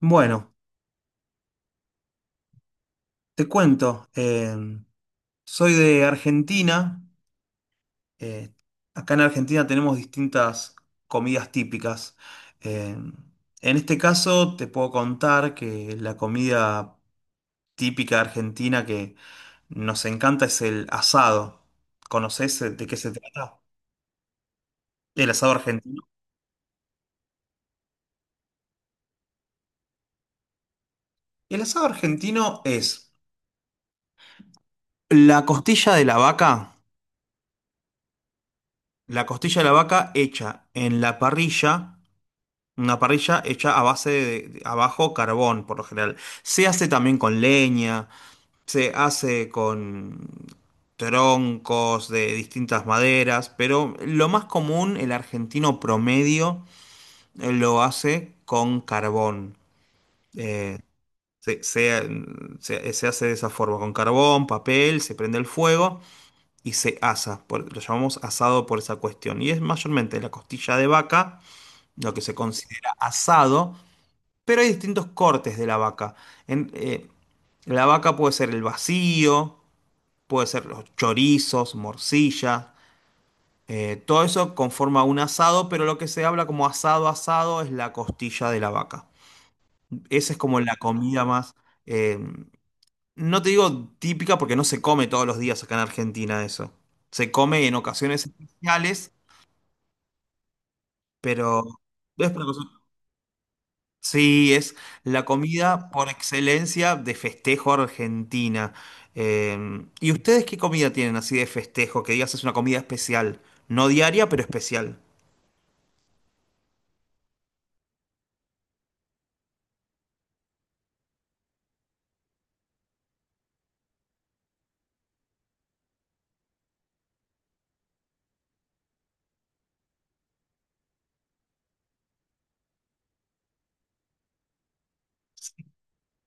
Bueno, te cuento, soy de Argentina, eh, acá en Argentina tenemos distintas comidas típicas. Em, en este caso te puedo contar que la comida típica argentina que nos encanta es el asado. ¿Conoces de qué se trata? El asado argentino. El asado argentino es la costilla de la vaca, la costilla de la vaca hecha en la parrilla. Una parrilla hecha a base de, abajo carbón, por lo general. Se hace también con leña, se hace con troncos de distintas maderas, pero lo más común, el argentino promedio, lo hace con carbón. Eh, se, se- se hace de esa forma, con carbón, papel, se prende el fuego y se asa. Lo llamamos asado por esa cuestión. Y es mayormente la costilla de vaca, lo que se considera asado, pero hay distintos cortes de la vaca. En- eh, la vaca puede ser el vacío, puede ser los chorizos, morcilla. Todo eso conforma un asado, pero lo que se habla como asado asado es la costilla de la vaca. Esa es como la comida más, eh, no te digo típica porque no se come todos los días acá en Argentina eso. Se come en ocasiones especiales, pero es una cosa. Sí, es la comida por excelencia de festejo argentina. Eh, ¿Y ustedes qué comida tienen así de festejo? Que digas es una comida especial, no diaria, pero especial.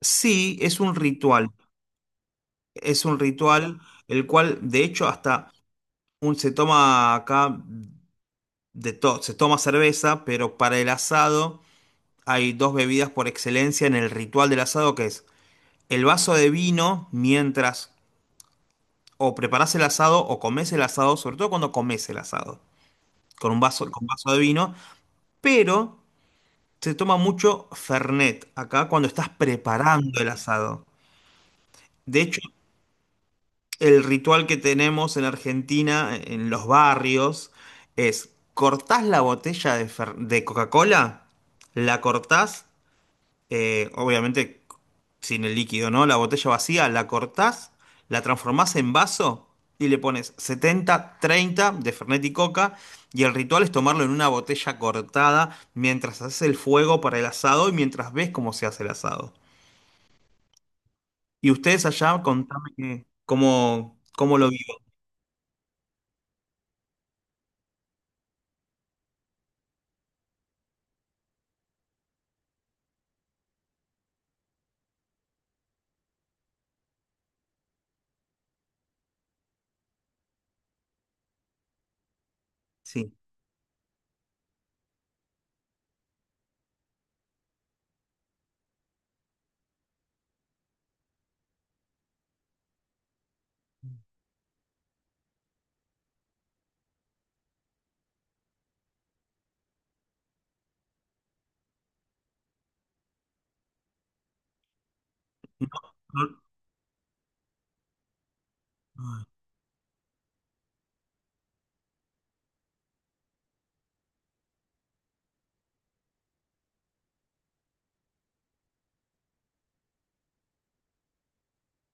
Sí, es un ritual. Es un ritual el cual, de hecho, hasta se toma acá de todo, se toma cerveza, pero para el asado hay dos bebidas por excelencia en el ritual del asado, que es el vaso de vino mientras o preparás el asado o comés el asado, sobre todo cuando comés el asado, con un vaso, con vaso de vino, pero se toma mucho Fernet acá cuando estás preparando el asado. De hecho, el ritual que tenemos en Argentina, en los barrios, es cortás la botella de Coca-Cola, la cortás, obviamente sin el líquido, ¿no? La botella vacía, la cortás, la transformás en vaso y le pones 70/30 de Fernet y Coca. Y el ritual es tomarlo en una botella cortada mientras haces el fuego para el asado y mientras ves cómo se hace el asado. Y ustedes allá, contame cómo lo viven. Sí. Ay.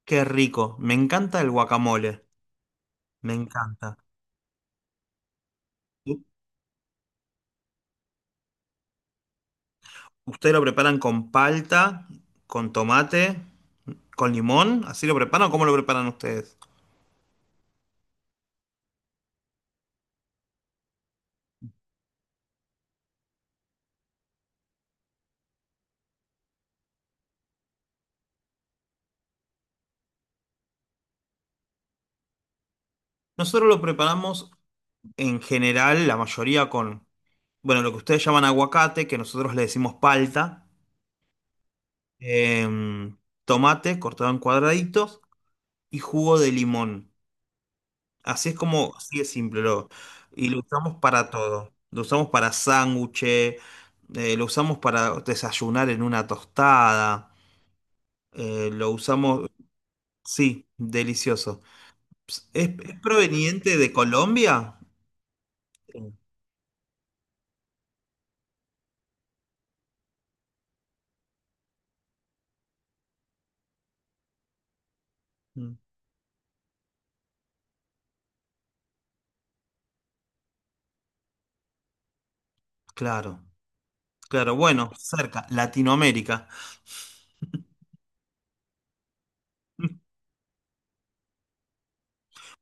Qué rico. Me encanta el guacamole. Me encanta. U- Ustedes lo preparan con palta, con tomate. ¿Con limón? ¿Así lo preparan o cómo lo preparan ustedes? Nosotros lo preparamos en general, la mayoría con, bueno, lo que ustedes llaman aguacate, que nosotros le decimos palta, em, tomate cortado en cuadraditos y jugo de limón. Así es como, así es simple. Y lo usamos para todo. Lo usamos para sándwiches, lo usamos para desayunar en una tostada, lo usamos, sí, delicioso. ¿Es, es proveniente de Colombia? Mm. Claro, claro, bueno, cerca, Latinoamérica.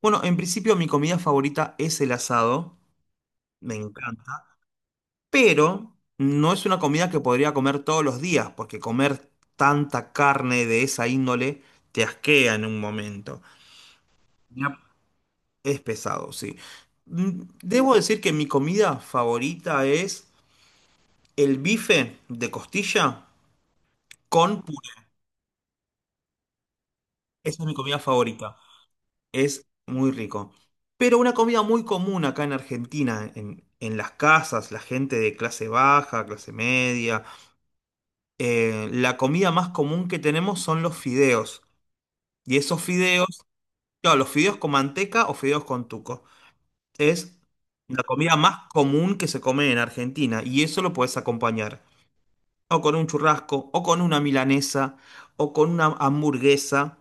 Bueno, en principio mi comida favorita es el asado, me encanta, pero no es una comida que podría comer todos los días, porque comer tanta carne de esa índole te asquea en un momento. Ya. Es pesado, sí. Debo decir que mi comida favorita es el bife de costilla con puré. Esa es mi comida favorita. Es muy rico. Pero una comida muy común acá en Argentina, en las casas, la gente de clase baja, clase media, la comida más común que tenemos son los fideos. Y esos fideos, claro, los fideos con manteca o fideos con tuco. Es la comida más común que se come en Argentina. Y eso lo puedes acompañar o con un churrasco, o con una milanesa, o con una hamburguesa.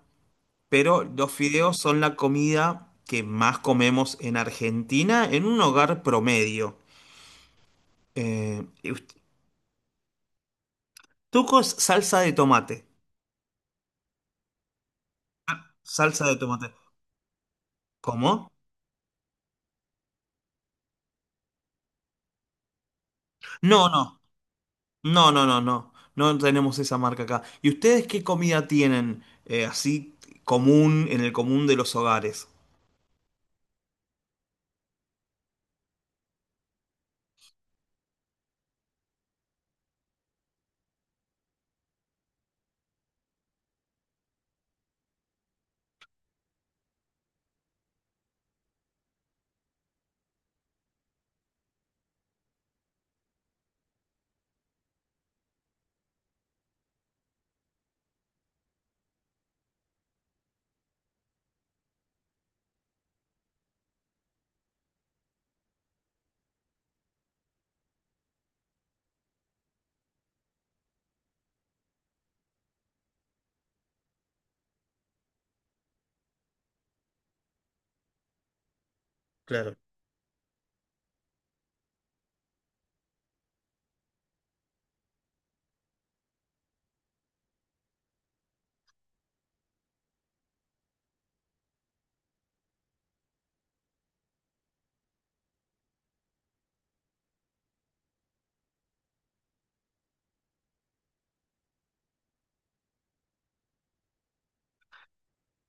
Pero los fideos son la comida que más comemos en Argentina en un hogar promedio. Eh, y ust- Tuco es salsa de tomate. Salsa de tomate. ¿Cómo? No, no, no, no, no, no. No tenemos esa marca acá. ¿Y ustedes qué comida tienen así común en el común de los hogares? Claro.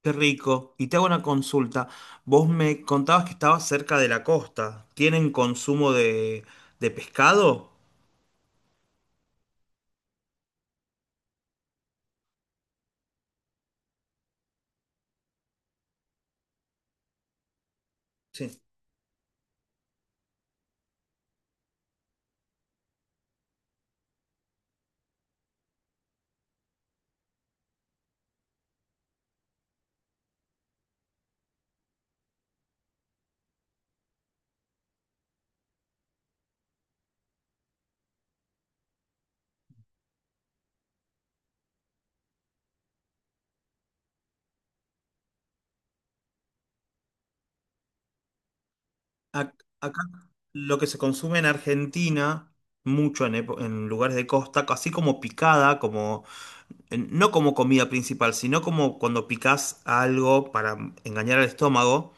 Qué rico. Y te hago una consulta. Vos me contabas que estabas cerca de la costa. ¿Tienen consumo de pescado? Sí. Ac- Acá lo que se consume en Argentina, mucho en lugares de costa, así como picada, como no como comida principal, sino como cuando picás algo para engañar al estómago,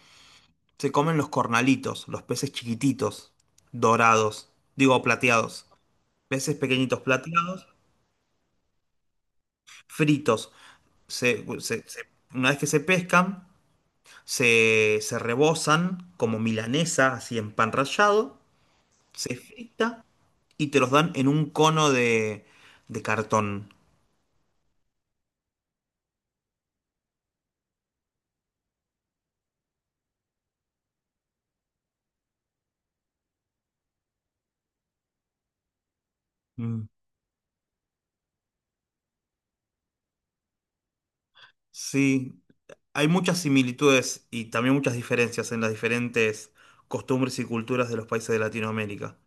se comen los cornalitos, los peces chiquititos, dorados, digo plateados, peces pequeñitos plateados, fritos. Una vez que se pescan, se rebozan como milanesa, así en pan rallado, se frita y te los dan en un cono de cartón. Mm. Sí, hay muchas similitudes y también muchas diferencias en las diferentes costumbres y culturas de los países de Latinoamérica.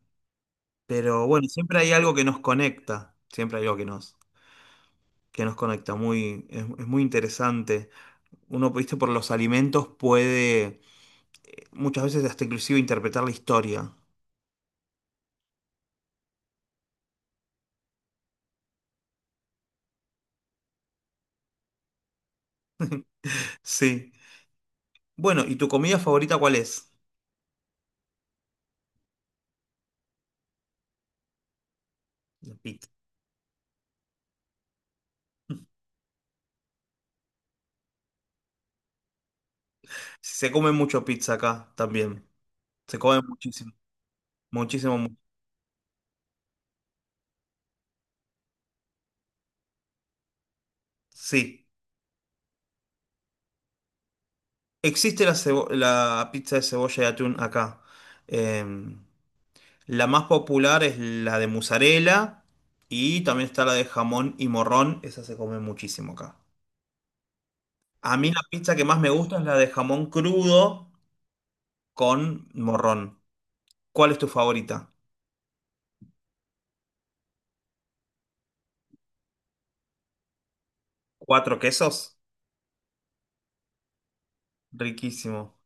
Pero bueno, siempre hay algo que nos conecta, siempre hay algo que nos conecta, es muy interesante. Uno, viste, por los alimentos puede muchas veces hasta inclusive interpretar la historia. Sí. Bueno, ¿y tu comida favorita cuál es? La pizza. Se come mucho pizza acá también. Se come muchísimo. Muchísimo. Sí, existe la pizza de cebolla y atún acá. Em, la más popular es la de mozzarella y también está la de jamón y morrón. Esa se come muchísimo acá. A mí la pizza que más me gusta es la de jamón crudo con morrón. ¿Cuál es tu favorita? ¿Cuatro quesos? Riquísimo.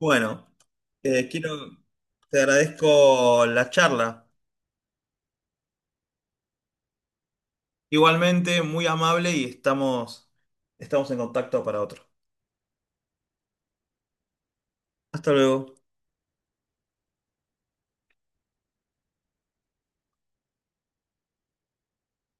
Bueno, eh, quiero, te agradezco la charla. Igualmente, muy amable y estamos en contacto para otro. Hasta luego.